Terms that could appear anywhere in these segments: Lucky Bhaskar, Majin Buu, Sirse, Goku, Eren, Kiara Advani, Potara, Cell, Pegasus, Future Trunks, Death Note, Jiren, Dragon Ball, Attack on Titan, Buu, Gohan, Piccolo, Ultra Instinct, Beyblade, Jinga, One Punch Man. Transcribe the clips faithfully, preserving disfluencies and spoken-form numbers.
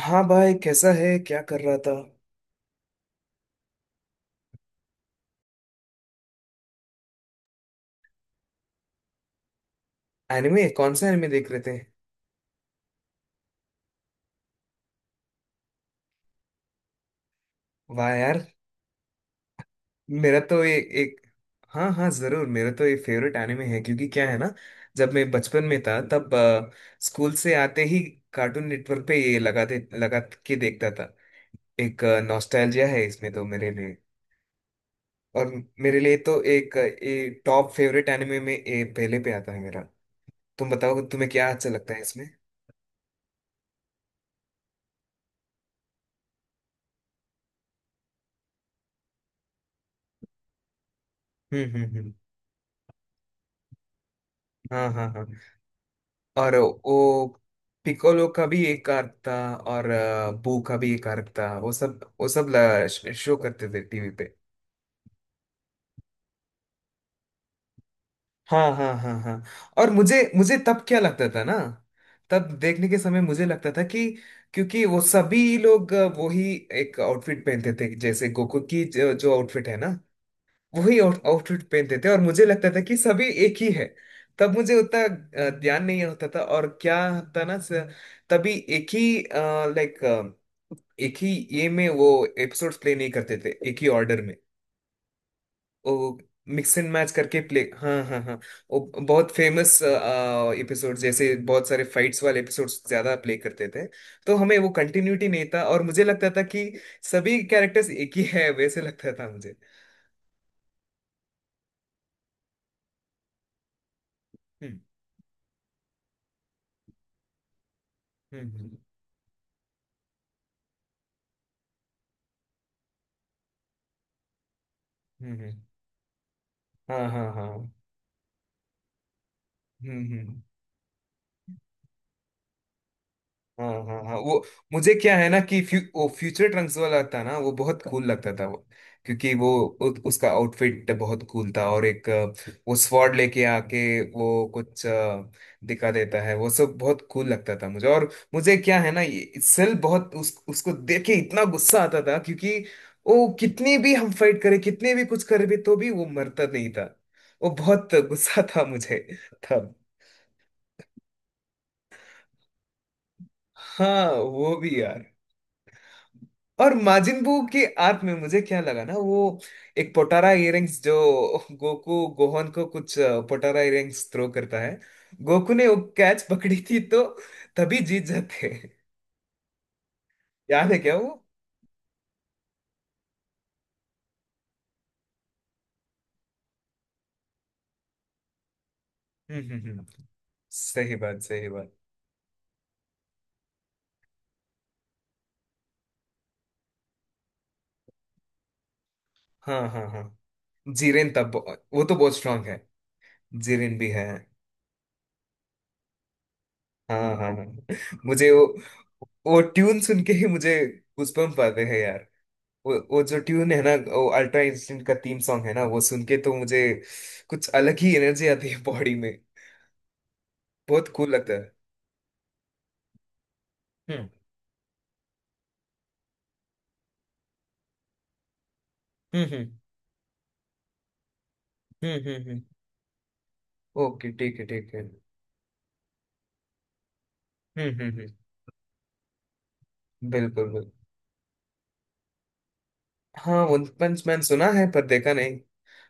हाँ भाई, कैसा है? क्या कर रहा था? एनिमे, कौन सा एनिमे देख रहे थे? वाह यार। मेरा तो ये एक हाँ हाँ, जरूर। मेरा तो ये फेवरेट एनिमे है, क्योंकि क्या है ना, जब मैं बचपन में था, तब अ, स्कूल से आते ही कार्टून नेटवर्क पे ये लगाते लगा के देखता था। एक नॉस्टैल्जिया है इसमें तो मेरे लिए। और मेरे लिए तो एक अ, ये टॉप फेवरेट एनिमे में ये पहले पे आता है मेरा। तुम बताओ, तुम्हें क्या अच्छा लगता है इसमें? हम्म। हम्म। हम्म। हाँ हाँ हाँ। और वो पिकोलो का भी एक आर्क था, और अ, बू का भी एक आर्क था। वो सब वो सब ल- शो करते थे टीवी पे। हाँ हाँ हाँ हाँ। और मुझे मुझे तब क्या लगता था ना, तब देखने के समय मुझे लगता था कि क्योंकि वो सभी लोग अ, वही एक आउटफिट पहनते थे, जैसे गोकू की जो, जो आउटफिट है ना, वही आउट, आउटफिट पहनते थे, और मुझे लगता था कि सभी एक ही है। तब मुझे उतना अ, ध्यान नहीं होता था। और क्या था ना, स- तभी एक ही, लाइक, एक ही ये में वो एपिसोड्स प्ले नहीं करते थे एक ही ऑर्डर में। वो मिक्स एंड मैच करके प्ले, हाँ हाँ हाँ। वो बहुत फेमस एपिसोड, जैसे बहुत सारे फाइट्स वाले एपिसोड्स ज्यादा प्ले करते थे। तो हमें वो कंटिन्यूटी नहीं था, और मुझे लगता था कि सभी कैरेक्टर्स एक ही है, वैसे लगता था मुझे। हम्म। हम्म। हम्म। हम्म। हम्म। हाँ हाँ हाँ। हम्म। हम्म। हाँ हाँ हाँ। वो मुझे क्या है ना कि फ्यू, वो फ्यूचर ट्रंक्स वाला था ना, वो बहुत कूल लगता था वो। क्योंकि वो उ, उसका आउटफिट बहुत कूल था, और एक अ, वो स्वॉर्ड लेके आके वो कुछ अ, दिखा देता है, वो सब बहुत कूल लगता था मुझे। और मुझे क्या है ना, ये सेल बहुत उस, उसको देख के इतना गुस्सा आता था, क्योंकि वो कितनी भी हम फाइट करे, कितने भी कुछ करे भी तो भी वो मरता नहीं था। वो बहुत गुस्सा था मुझे तब। हाँ, वो भी यार। और माजिन बू के आर्क में मुझे क्या लगा ना, वो एक पोटारा इयररिंग्स जो गोकू गोहन को कुछ अ, पोटारा इयररिंग्स थ्रो करता है। गोकू ने वो कैच पकड़ी थी, तो तभी जीत जाते। याद है क्या वो? हम्म। हम्म। हम्म। सही बात, सही बात। हाँ हाँ हाँ। जीरेन, तब वो तो बहुत स्ट्रांग है। जीरेन भी है। हाँ हाँ हाँ। मुझे वो वो ट्यून सुन के ही मुझे गूज़बम्प आते हैं यार। वो वो जो ट्यून है ना, वो अल्ट्रा इंस्टेंट का थीम सॉन्ग है ना, वो सुन के तो मुझे कुछ अलग ही एनर्जी आती है बॉडी में। बहुत कूल लगता है। हम्म। हम्म। हम्म। हम्म। हम्म। ओके, ठीक है, ठीक है। हम्म। हम्म। हम्म। बिल्कुल बिल्कुल। हाँ, वन पंच मैन सुना है, पर देखा नहीं।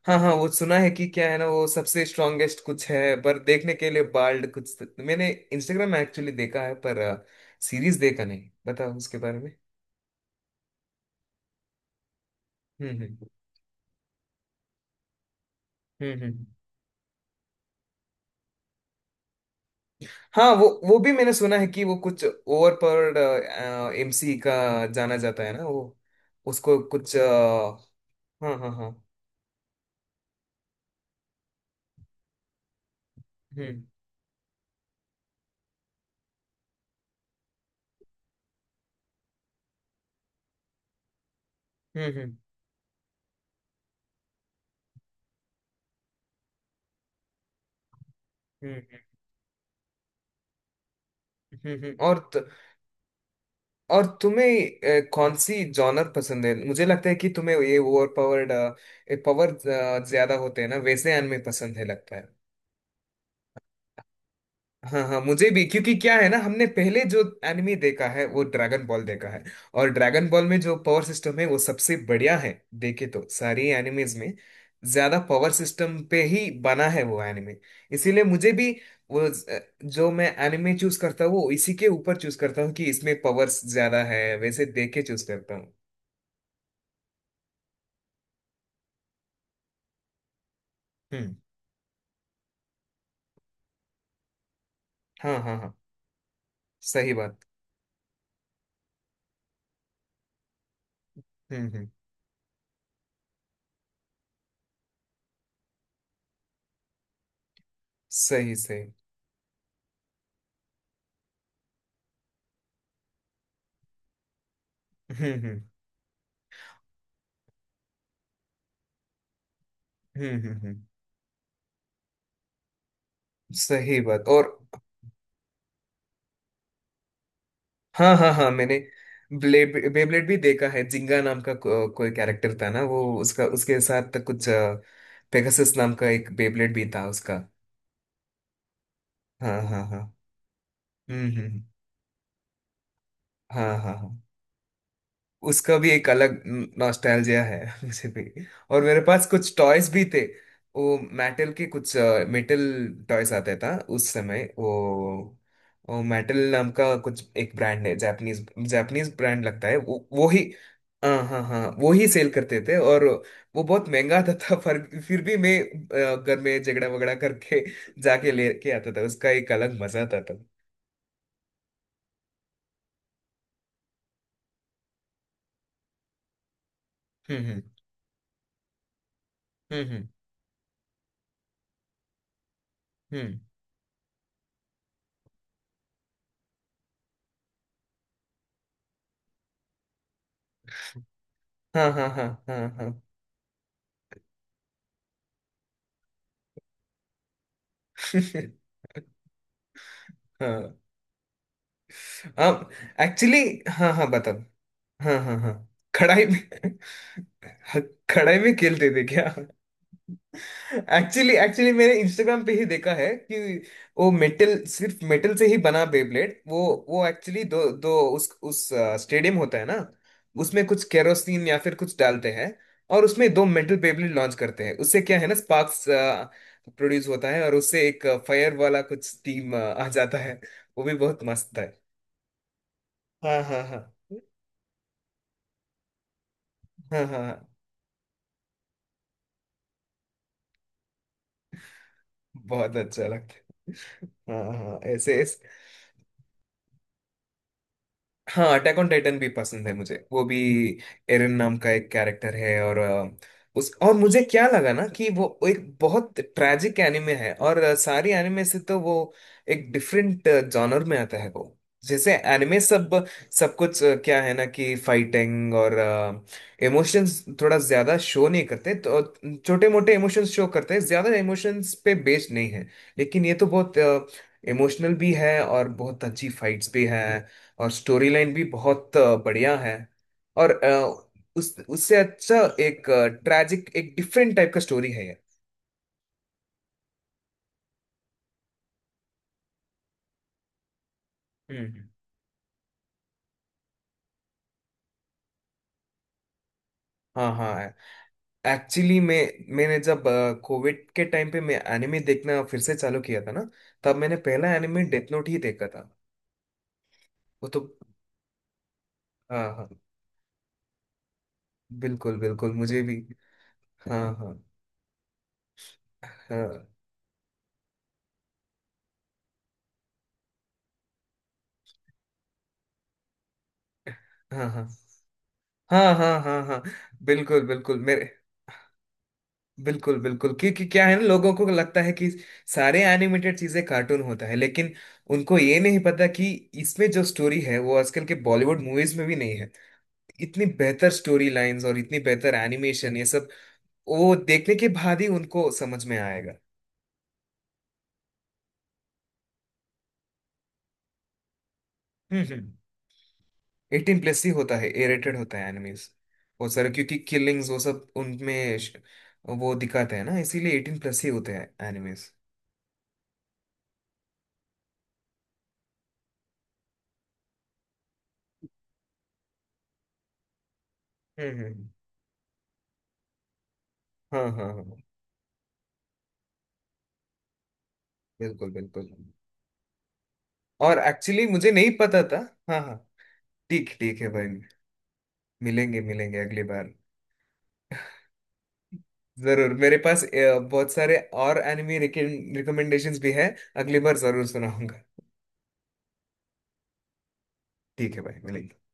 हाँ हाँ, वो सुना है कि क्या है ना, वो सबसे स्ट्रांगेस्ट कुछ है, पर देखने के लिए बाल्ड कुछ तो, मैंने इंस्टाग्राम में एक्चुअली देखा है, पर सीरीज देखा नहीं। बताओ उसके बारे में। हम्म। हम्म। हम्म। हम्म। हाँ, वो वो भी मैंने सुना है कि वो कुछ ओवर पर एमसी का जाना जाता है ना वो। उसको कुछ अ, हाँ हाँ हाँ। हम्म। हम्म। हम्म। हम्म। हम्म। हम्म। और त, और तुम्हें अ, कौन सी जॉनर पसंद है? मुझे लगता है कि तुम्हें ये ओवर पावर्ड पावर ज्यादा होते हैं ना, वैसे anime पसंद है, लगता है। हाँ हाँ, मुझे भी, क्योंकि क्या है ना, हमने पहले जो एनिमे देखा है वो ड्रैगन बॉल देखा है। और ड्रैगन बॉल में जो पावर सिस्टम है वो सबसे बढ़िया है, देखे तो सारी एनिमेज में। ज्यादा पावर सिस्टम पे ही बना है वो एनिमे। इसीलिए मुझे भी वो ज- जो मैं एनिमे चूज करता हूँ वो इसी के ऊपर चूज करता हूँ, कि इसमें पावर्स ज्यादा है वैसे देख के चूज करता हूँ। हम्म। हाँ हाँ हाँ। सही बात। हम्म। हम्म। सही सही। हम्म। हम्म। हम्म। हम्म। हम्म। सही बात। और हाँ हाँ हाँ। मैंने ब्लेड बेब्लेड भी देखा है। जिंगा नाम का को, कोई कैरेक्टर था ना, वो उसका उसके साथ कुछ पेगासस नाम का एक बेब्लेड भी था उसका। हाँ हाँ हाँ। हम्म। हम्म। हम्म। हाँ हाँ हाँ। उसका भी एक अलग नॉस्टैल्जिया है मुझे भी। और मेरे पास कुछ टॉयज भी थे। वो मेटल के कुछ मेटल टॉयज आते था उस समय वो। वो मेटल नाम का कुछ एक ब्रांड है, जापानीज जापानीज ब्रांड लगता है वो वो ही। हाँ हाँ हाँ, वो ही सेल करते थे। और वो बहुत महंगा आता था, पर फिर भी मैं अ, घर में झगड़ा वगड़ा करके जाके लेके आता था, उसका एक अलग मजा आता था। हम्म। हम्म। हम्म। हम्म। हम्म। हाँ हाँ हाँ हाँ हाँ। हाँ। हाँ, एक्चुअली हाँ हाँ, बताओ। हाँ हाँ हाँ। कढ़ाई में कढ़ाई में खेलते थे क्या? एक्चुअली एक्चुअली मैंने इंस्टाग्राम पे ही देखा है कि वो मेटल सिर्फ मेटल से ही बना बेब्लेड वो वो एक्चुअली दो दो उस उस स्टेडियम होता है ना, उसमें कुछ केरोसिन या फिर कुछ डालते हैं। और उसमें दो मेटल बेब्लेड लॉन्च करते हैं, उससे क्या है ना, स्पार्क्स प्रोड्यूस होता है, और उससे एक फायर वाला कुछ स्टीम आ जाता है। वो भी बहुत मस्त। हाँ हाँ हाँ हाँ हाँ हाँ, बहुत अच्छा लगता है। हाँ हाँ हाँ, ऐसे ऐसे। हाँ, अटैक ऑन टाइटन भी पसंद है मुझे, वो भी एरन नाम का एक कैरेक्टर है, और अ, उस और मुझे क्या लगा ना कि वो वो एक बहुत ट्रैजिक एनिमे है, और अ, सारी एनिमे से तो वो एक डिफरेंट जॉनर में आता है वो। जैसे एनिमे सब सब कुछ अ, क्या है ना कि फाइटिंग और इमोशंस थोड़ा ज्यादा शो नहीं करते, तो छोटे मोटे इमोशंस शो करते हैं, ज्यादा इमोशंस पे बेस्ड नहीं है। लेकिन ये तो बहुत इमोशनल भी है, और बहुत अच्छी फाइट्स भी है, और स्टोरी लाइन भी बहुत अ, बढ़िया है। और अ, उस उससे अच्छा एक ट्रैजिक, एक डिफरेंट टाइप का स्टोरी है ये। हम्म। हम्म। हाँ हाँ, एक्चुअली मैं मैंने जब कोविड के टाइम पे मैं एनिमे देखना फिर से चालू किया था ना, तब मैंने पहला एनिमे डेथ नोट ही देखा था। वो तो हाँ हाँ, बिल्कुल बिल्कुल, मुझे भी। हाँ हाँ हाँ हाँ हाँ हाँ हाँ हाँ हाँ। बिल्कुल बिल्कुल, मेरे बिल्कुल बिल्कुल, क्योंकि क्या है ना, लोगों को लगता है कि सारे एनिमेटेड चीजें कार्टून होता है, लेकिन उनको ये नहीं पता कि इसमें जो स्टोरी है वो आजकल के बॉलीवुड मूवीज में भी नहीं है। इतनी बेहतर स्टोरी लाइंस और इतनी बेहतर एनिमेशन ये सब वो देखने के बाद ही उनको समझ में आएगा। हम्म। हम्म। एटीन प्लस ही होता है, ए रेटेड होता है एनिमीज। वो सारे क्योंकि किलिंग्स वो सब उनमें श- वो दिखाते हैं ना, इसीलिए एटीन प्लस ही होते हैं एनिमीज। हम्म। हम्म। हाँ हाँ हाँ, बिल्कुल बिल्कुल। और एक्चुअली मुझे नहीं पता था। हाँ हाँ। ठीक ठीक है भाई। मिलेंगे मिलेंगे अगली बार। जरूर, मेरे पास अ, बहुत सारे और एनिमी रिकमेंडेशंस भी है, अगली बार जरूर सुनाऊंगा। ठीक है भाई, मिलेंगे।